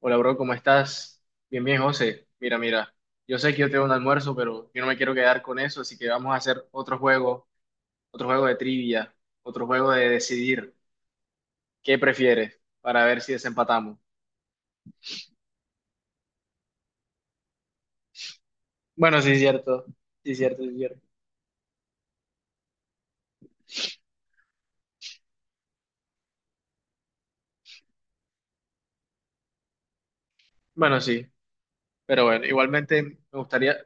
Hola, bro, ¿cómo estás? Bien, José. Mira, yo sé que yo tengo un almuerzo, pero yo no me quiero quedar con eso, así que vamos a hacer otro juego de trivia, otro juego de decidir qué prefieres para ver si desempatamos. Bueno, sí, es cierto, sí, es cierto, sí, es cierto. Bueno, sí, pero bueno, igualmente me gustaría...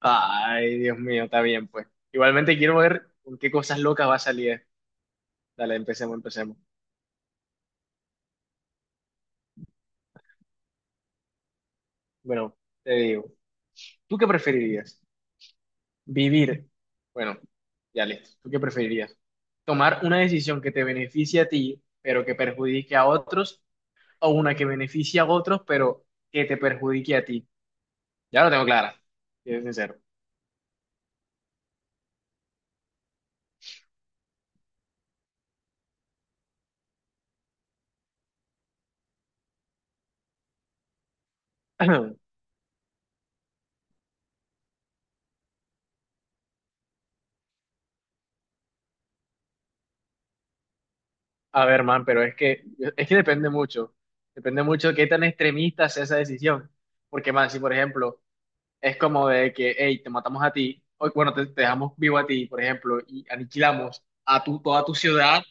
Ay, Dios mío, está bien, pues. Igualmente quiero ver con qué cosas locas va a salir. Dale, empecemos. Bueno, te digo, ¿tú qué preferirías? Vivir. Bueno, ya listo. ¿Tú qué preferirías? ¿Tomar una decisión que te beneficie a ti, pero que perjudique a otros? ¿O una que beneficie a otros, pero que te perjudique a ti? Ya lo tengo clara, si es sincero. A ver, man, pero es que depende mucho. Depende mucho de qué tan extremista sea esa decisión. Porque, man, si por ejemplo es como de que, hey, te matamos a ti, o bueno, te dejamos vivo a ti, por ejemplo, y aniquilamos a toda tu ciudad,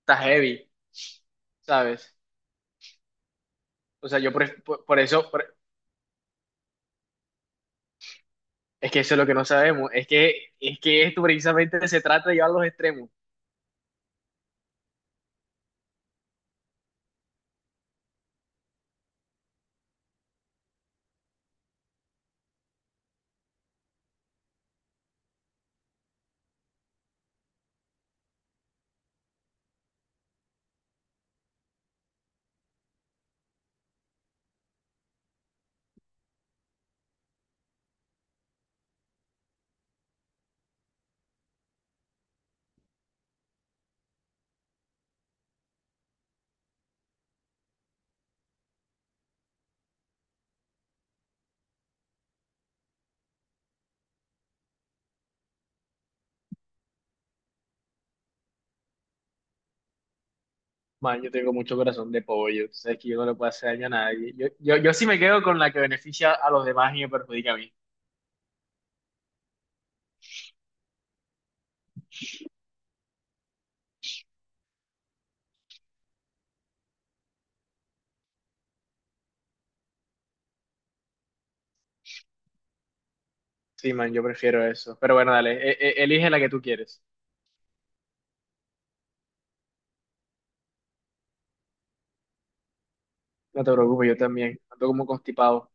está heavy, ¿sabes? O sea, yo por eso, por- es que eso es lo que no sabemos, es que esto precisamente se trata de llevar a los extremos. Man, yo tengo mucho corazón de pollo, tú sabes que yo no le puedo hacer daño a nadie. Yo sí me quedo con la que beneficia a los demás y me perjudica a mí. Sí, man, yo prefiero eso. Pero bueno, dale, elige la que tú quieres. No te preocupes, yo también. Ando como constipado.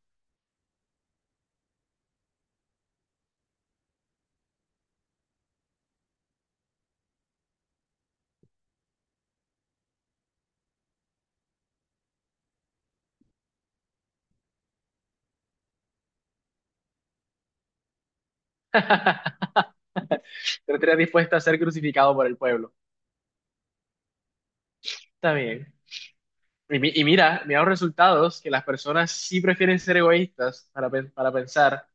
Pero estaría dispuesta a ser crucificado por el pueblo. Está bien. Y, y mira los resultados, que las personas sí prefieren ser egoístas para, para pensar,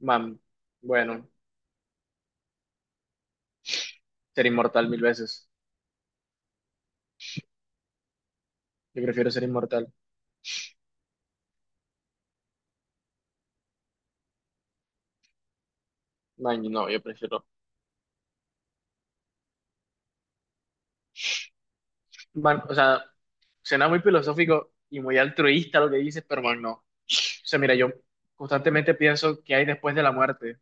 man, bueno. Ser inmortal 1.000 veces. Yo prefiero ser inmortal. No, yo prefiero. Man, o sea, suena muy filosófico y muy altruista lo que dices, pero man, no. O sea, mira, yo constantemente pienso qué hay después de la muerte.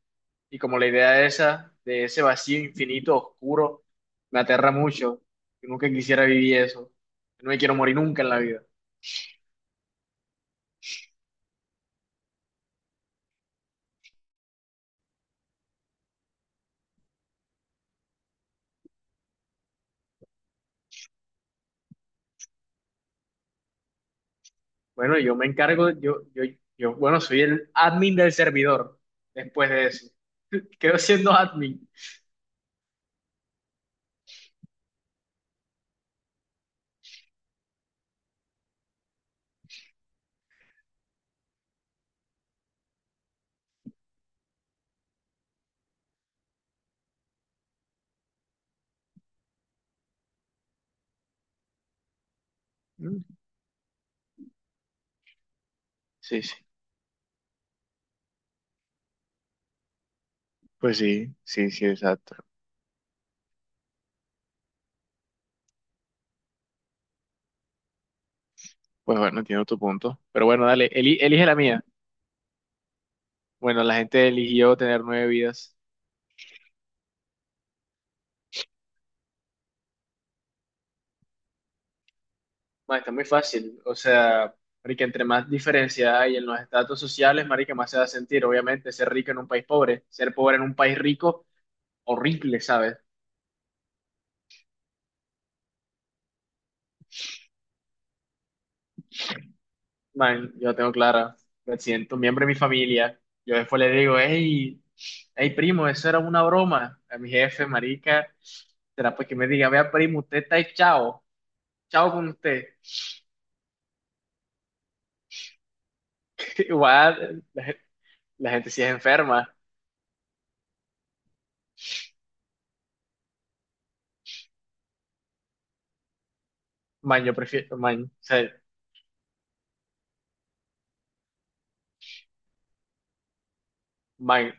Y como la idea esa, de ese vacío infinito, oscuro, me aterra mucho. Yo nunca quisiera vivir eso. No me quiero morir nunca en la vida. Bueno, yo me encargo, yo, bueno, soy el admin del servidor después de eso. Quedo siendo admin. Mm. Sí, sí. Pues sí, sí, sí, exacto. Pues bueno, entiendo tu punto. Pero bueno, dale, elige la mía. Bueno, la gente eligió tener 9 vidas. Ma, está muy fácil. O sea, marica, entre más diferencia hay en los estatus sociales, marica, más se va a sentir. Obviamente, ser rico en un país pobre, ser pobre en un país rico, horrible, ¿sabes? Man, yo la tengo clara. Me siento un miembro de mi familia. Yo después le digo, hey, primo, eso era una broma. A mi jefe, marica, será pues que me diga, vea, primo, usted está ahí, chao. Chao con usted. Igual, la gente sí es enferma. Man, yo prefiero, man, o sea, man,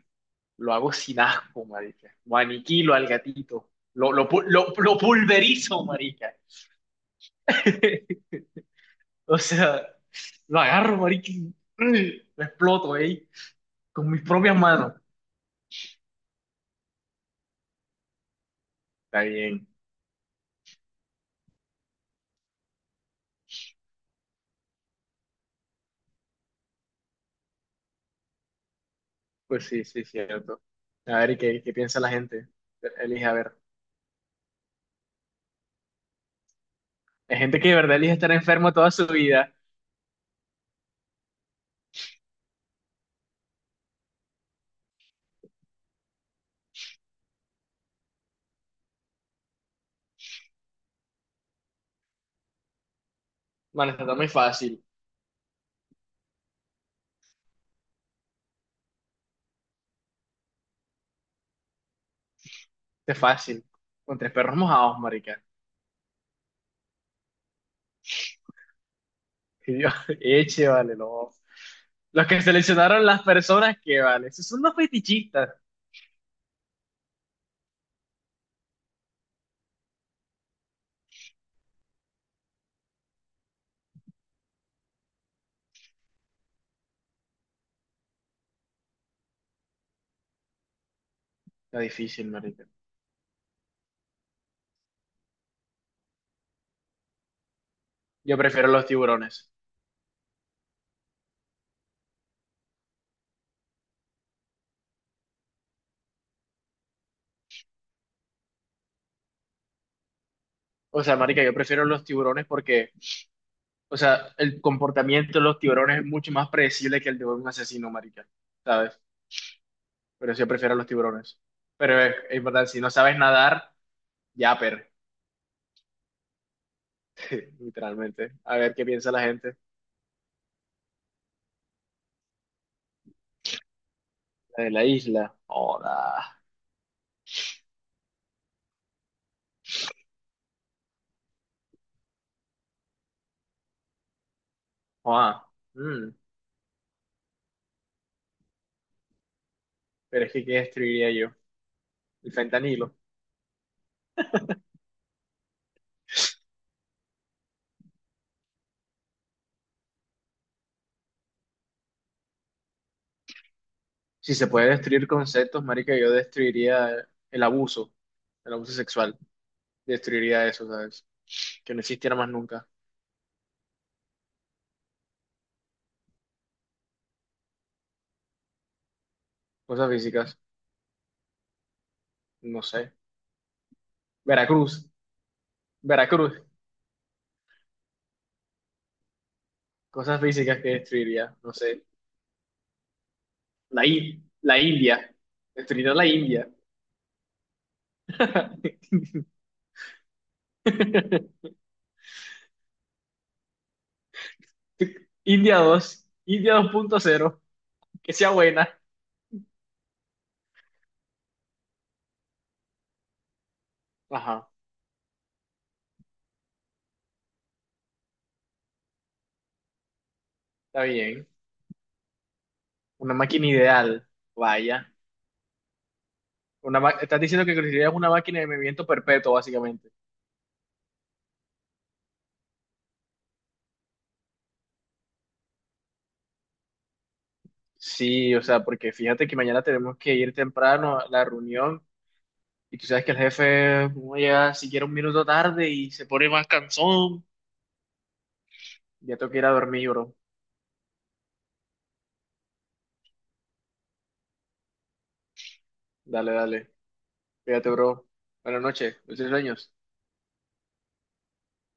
lo hago sin asco, marica. Lo aniquilo al gatito. Lo pulverizo, marica. O sea, lo agarro, marica, y lo exploto, con mis propias manos. Está bien. Pues sí, sí, cierto. A ver, ¿y qué piensa la gente? Elige, a ver. Hay gente que de verdad elige estar enfermo toda su vida. Man, está muy fácil. Está fácil. Con 3 perros mojados, marica. Y yo, eche, vale, no. Los que seleccionaron las personas que, vale, esos son los fetichistas. Está difícil, marica. Yo prefiero los tiburones. O sea, marica, yo prefiero los tiburones porque, o sea, el comportamiento de los tiburones es mucho más predecible que el de un asesino, marica, ¿sabes? Pero sí, yo prefiero los tiburones. Pero es verdad, si no sabes nadar, ya, per, literalmente. A ver qué piensa la gente. La de la isla. Hola. Ah, mm. Pero es que, ¿qué destruiría yo? El fentanilo. Si se puede destruir conceptos, marica, yo destruiría el abuso, el abuso sexual. Destruiría eso, ¿sabes? Que no existiera más nunca. Cosas físicas, no sé. Veracruz, Veracruz. Cosas físicas que destruiría, no sé. La India. Destruiría la India. India 2.0 que sea buena. Ajá, está bien. Una máquina ideal, vaya. Estás diciendo que construirías una máquina de movimiento perpetuo, básicamente. Sí, o sea, porque fíjate que mañana tenemos que ir temprano a la reunión y tú sabes que el jefe uno llega siquiera 1 minuto tarde y se pone más cansón. Ya tengo que ir a dormir, bro. Dale, dale. Cuídate, bro. Buenas noches. Dulces sueños.